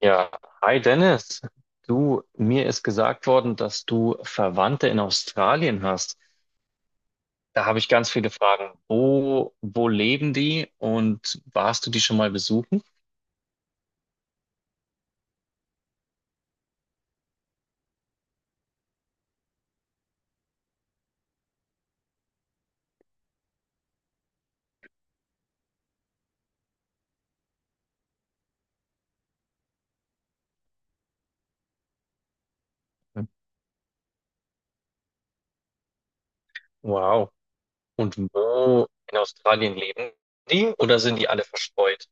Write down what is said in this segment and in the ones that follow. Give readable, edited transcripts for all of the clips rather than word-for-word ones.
Ja, hi Dennis. Du, mir ist gesagt worden, dass du Verwandte in Australien hast. Da habe ich ganz viele Fragen. Wo leben die und warst du die schon mal besuchen? Wow. Und wo in Australien leben die oder sind die alle verstreut?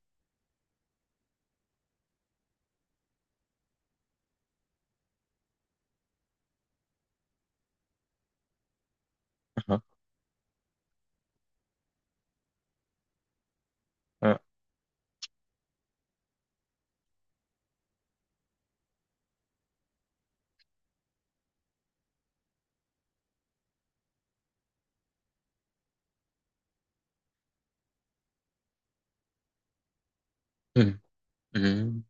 Aha. Ja. Mhm. Mhm.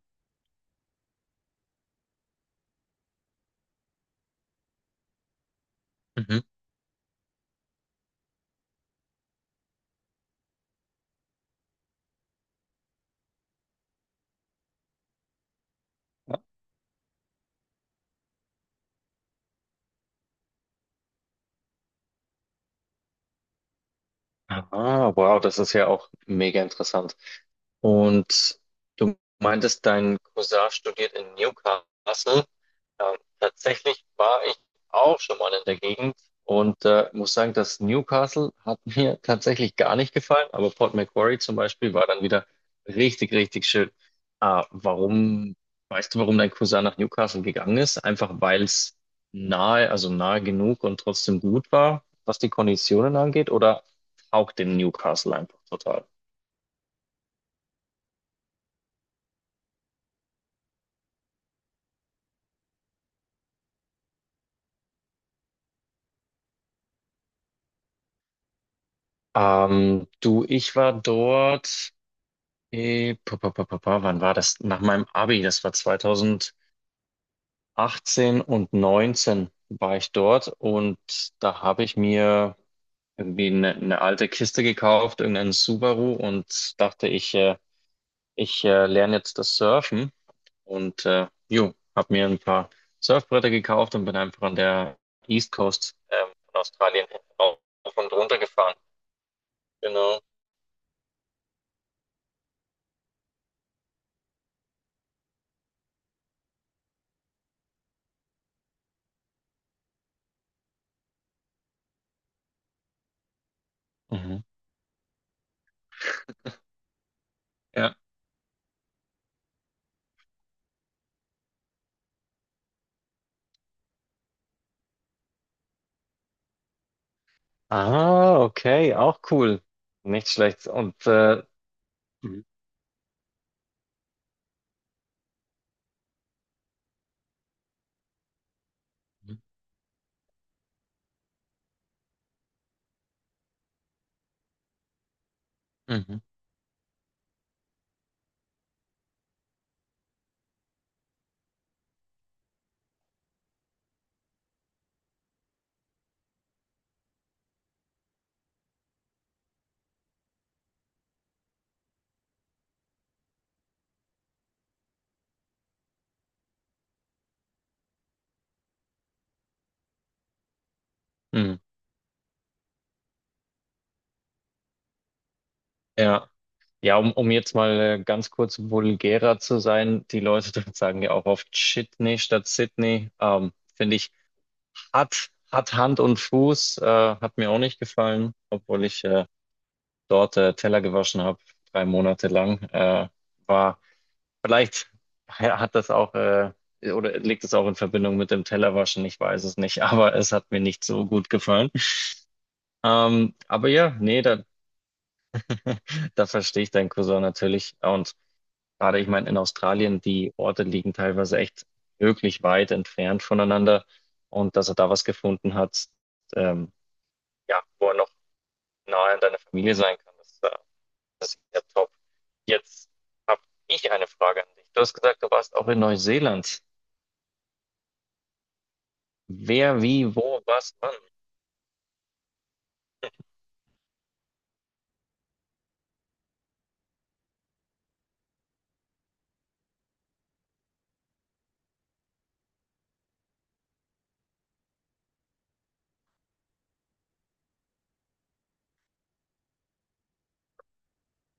Mhm. Ah, wow, das ist ja auch mega interessant. Und du meintest, dein Cousin studiert in Newcastle. Tatsächlich war ich auch schon mal in der Gegend und muss sagen, das Newcastle hat mir tatsächlich gar nicht gefallen, aber Port Macquarie zum Beispiel war dann wieder richtig, richtig schön. Ah, weißt du, warum dein Cousin nach Newcastle gegangen ist? Einfach weil es nahe, also nahe genug und trotzdem gut war, was die Konditionen angeht, oder? Taugt dem Newcastle einfach total. Du, ich war dort, wann war das? Nach meinem Abi, das war 2018 und 19 war ich dort und da habe ich mir irgendwie eine alte Kiste gekauft, irgendeinen Subaru und dachte, ich lerne jetzt das Surfen und jo, habe mir ein paar Surfbretter gekauft und bin einfach an der East Coast von Australien rauf und runter gefahren. Genau. Mhm. Ja. Ah, okay, auch cool. Nicht schlecht. Und mhm. Mhm. Mhm. Ja. Ja, um jetzt mal ganz kurz vulgärer zu sein, die Leute dort sagen ja auch oft Shitney statt Sydney. Finde ich, hat Hand und Fuß, hat mir auch nicht gefallen, obwohl ich dort Teller gewaschen habe, 3 Monate lang. War Vielleicht hat das auch, oder liegt es auch in Verbindung mit dem Tellerwaschen, ich weiß es nicht, aber es hat mir nicht so gut gefallen. Aber ja, nee, da verstehe ich deinen Cousin natürlich. Und gerade, ich meine, in Australien, die Orte liegen teilweise echt wirklich weit entfernt voneinander. Und dass er da was gefunden hat, ähm, ja, wo er noch nahe an deiner Familie sein kann, das ist ja top. Jetzt habe ich eine Frage an dich. Du hast gesagt, du warst auch in Neuseeland. Wer, wie, wo, was, wann.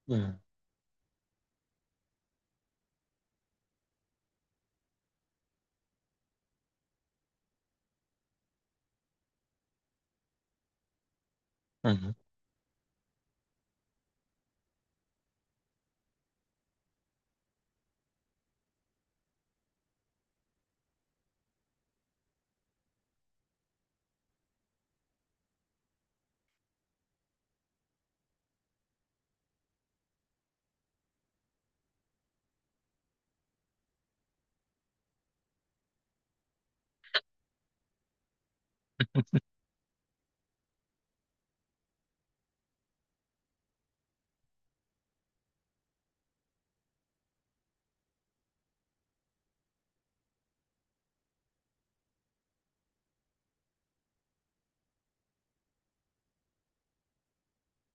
Mhm. Mhm.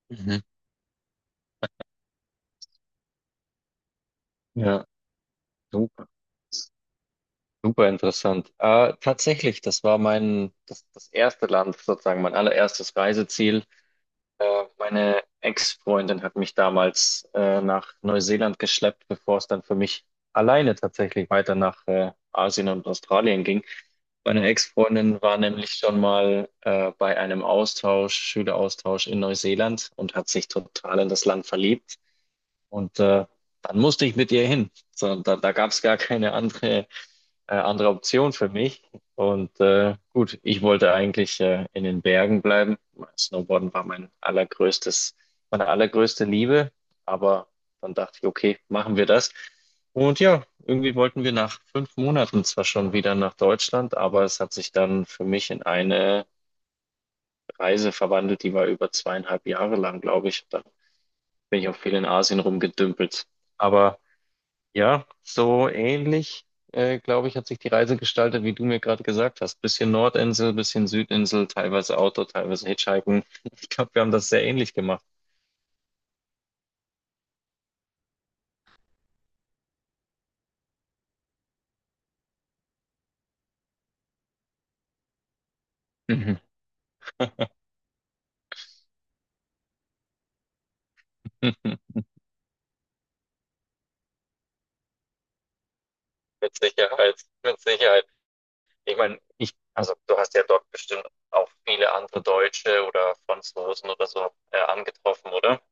Mhm. Ja, super, super interessant. Tatsächlich, das war das erste Land, sozusagen mein allererstes Reiseziel. Meine Ex-Freundin hat mich damals nach Neuseeland geschleppt, bevor es dann für mich alleine tatsächlich weiter nach Asien und Australien ging. Meine Ex-Freundin war nämlich schon mal bei einem Austausch, Schüleraustausch in Neuseeland und hat sich total in das Land verliebt. Und dann musste ich mit ihr hin. So, da gab es gar keine andere Option für mich. Und gut, ich wollte eigentlich in den Bergen bleiben. Snowboarden war mein allergrößtes, meine allergrößte Liebe. Aber dann dachte ich, okay, machen wir das. Und ja, irgendwie wollten wir nach 5 Monaten zwar schon wieder nach Deutschland, aber es hat sich dann für mich in eine Reise verwandelt, die war über 2,5 Jahre lang, glaube ich. Da bin ich auch viel in Asien rumgedümpelt. Aber ja, so ähnlich, glaube ich, hat sich die Reise gestaltet, wie du mir gerade gesagt hast. Bisschen Nordinsel, bisschen Südinsel, teilweise Auto, teilweise Hitchhiken. Ich glaube, wir haben das sehr ähnlich gemacht. Mhm. Mit Sicherheit, mit Sicherheit. Ich meine, also du hast ja dort bestimmt auch viele andere Deutsche oder Franzosen oder so angetroffen, oder?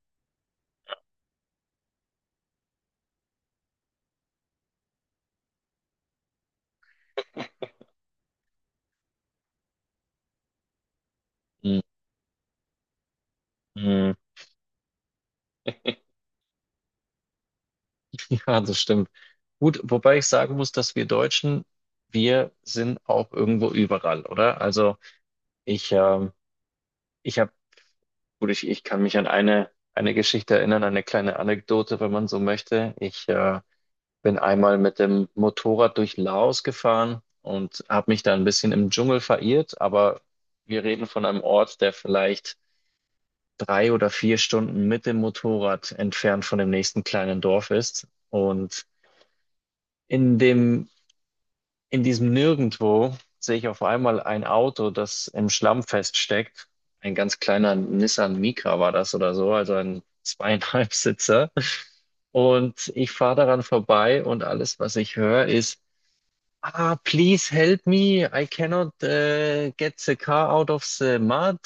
Mhm. Ja, das stimmt. Gut, wobei ich sagen muss, dass wir Deutschen, wir sind auch irgendwo überall, oder? Also ich, ähm, Ich habe, gut, ich kann mich an eine Geschichte erinnern, eine kleine Anekdote, wenn man so möchte. Ich bin einmal mit dem Motorrad durch Laos gefahren und habe mich da ein bisschen im Dschungel verirrt, aber wir reden von einem Ort, der vielleicht 3 oder 4 Stunden mit dem Motorrad entfernt von dem nächsten kleinen Dorf ist. Und in dem In diesem Nirgendwo sehe ich auf einmal ein Auto, das im Schlamm feststeckt. Ein ganz kleiner Nissan Micra war das oder so, also ein zweieinhalb Sitzer. Und ich fahre daran vorbei und alles, was ich höre, ist: Ah, please help me. I cannot get the car out of the mud.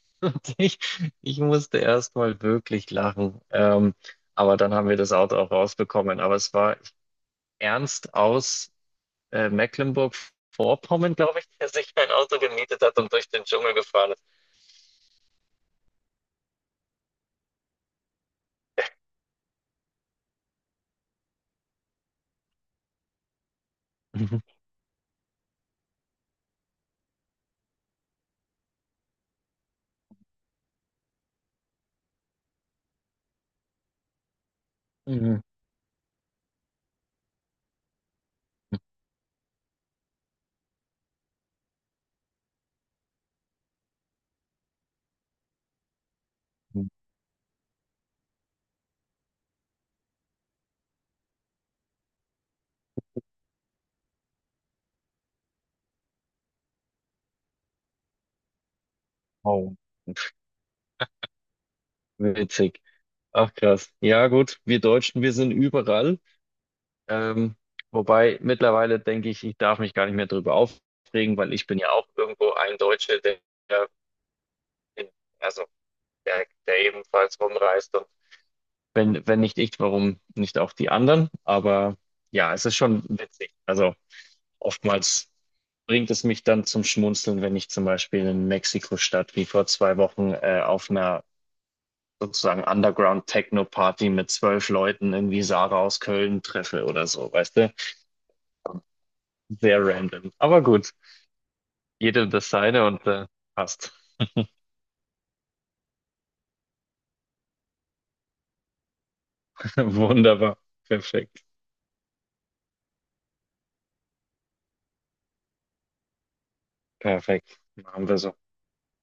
Und ich musste erst mal wirklich lachen. Aber dann haben wir das Auto auch rausbekommen. Aber es war ernst aus Mecklenburg-Vorpommern, glaube ich, der sich ein Auto gemietet hat und durch den Dschungel gefahren ist. Mhm. Mhm. Wow, witzig. Ach krass. Ja gut, wir Deutschen, wir sind überall. Ähm, wobei mittlerweile denke ich, ich darf mich gar nicht mehr drüber aufregen, weil ich bin ja auch irgendwo ein Deutscher, der, der in, also der, der ebenfalls rumreist. Und wenn nicht ich, warum nicht auch die anderen? Aber ja, es ist schon witzig. Also oftmals bringt es mich dann zum Schmunzeln, wenn ich zum Beispiel in Mexiko-Stadt wie vor 2 Wochen auf einer sozusagen Underground-Techno-Party mit 12 Leuten irgendwie Sarah aus Köln treffe oder so, weißt du? Sehr random. Aber gut, jede das seine und passt. Wunderbar. Perfekt. Perfekt. Machen wir so.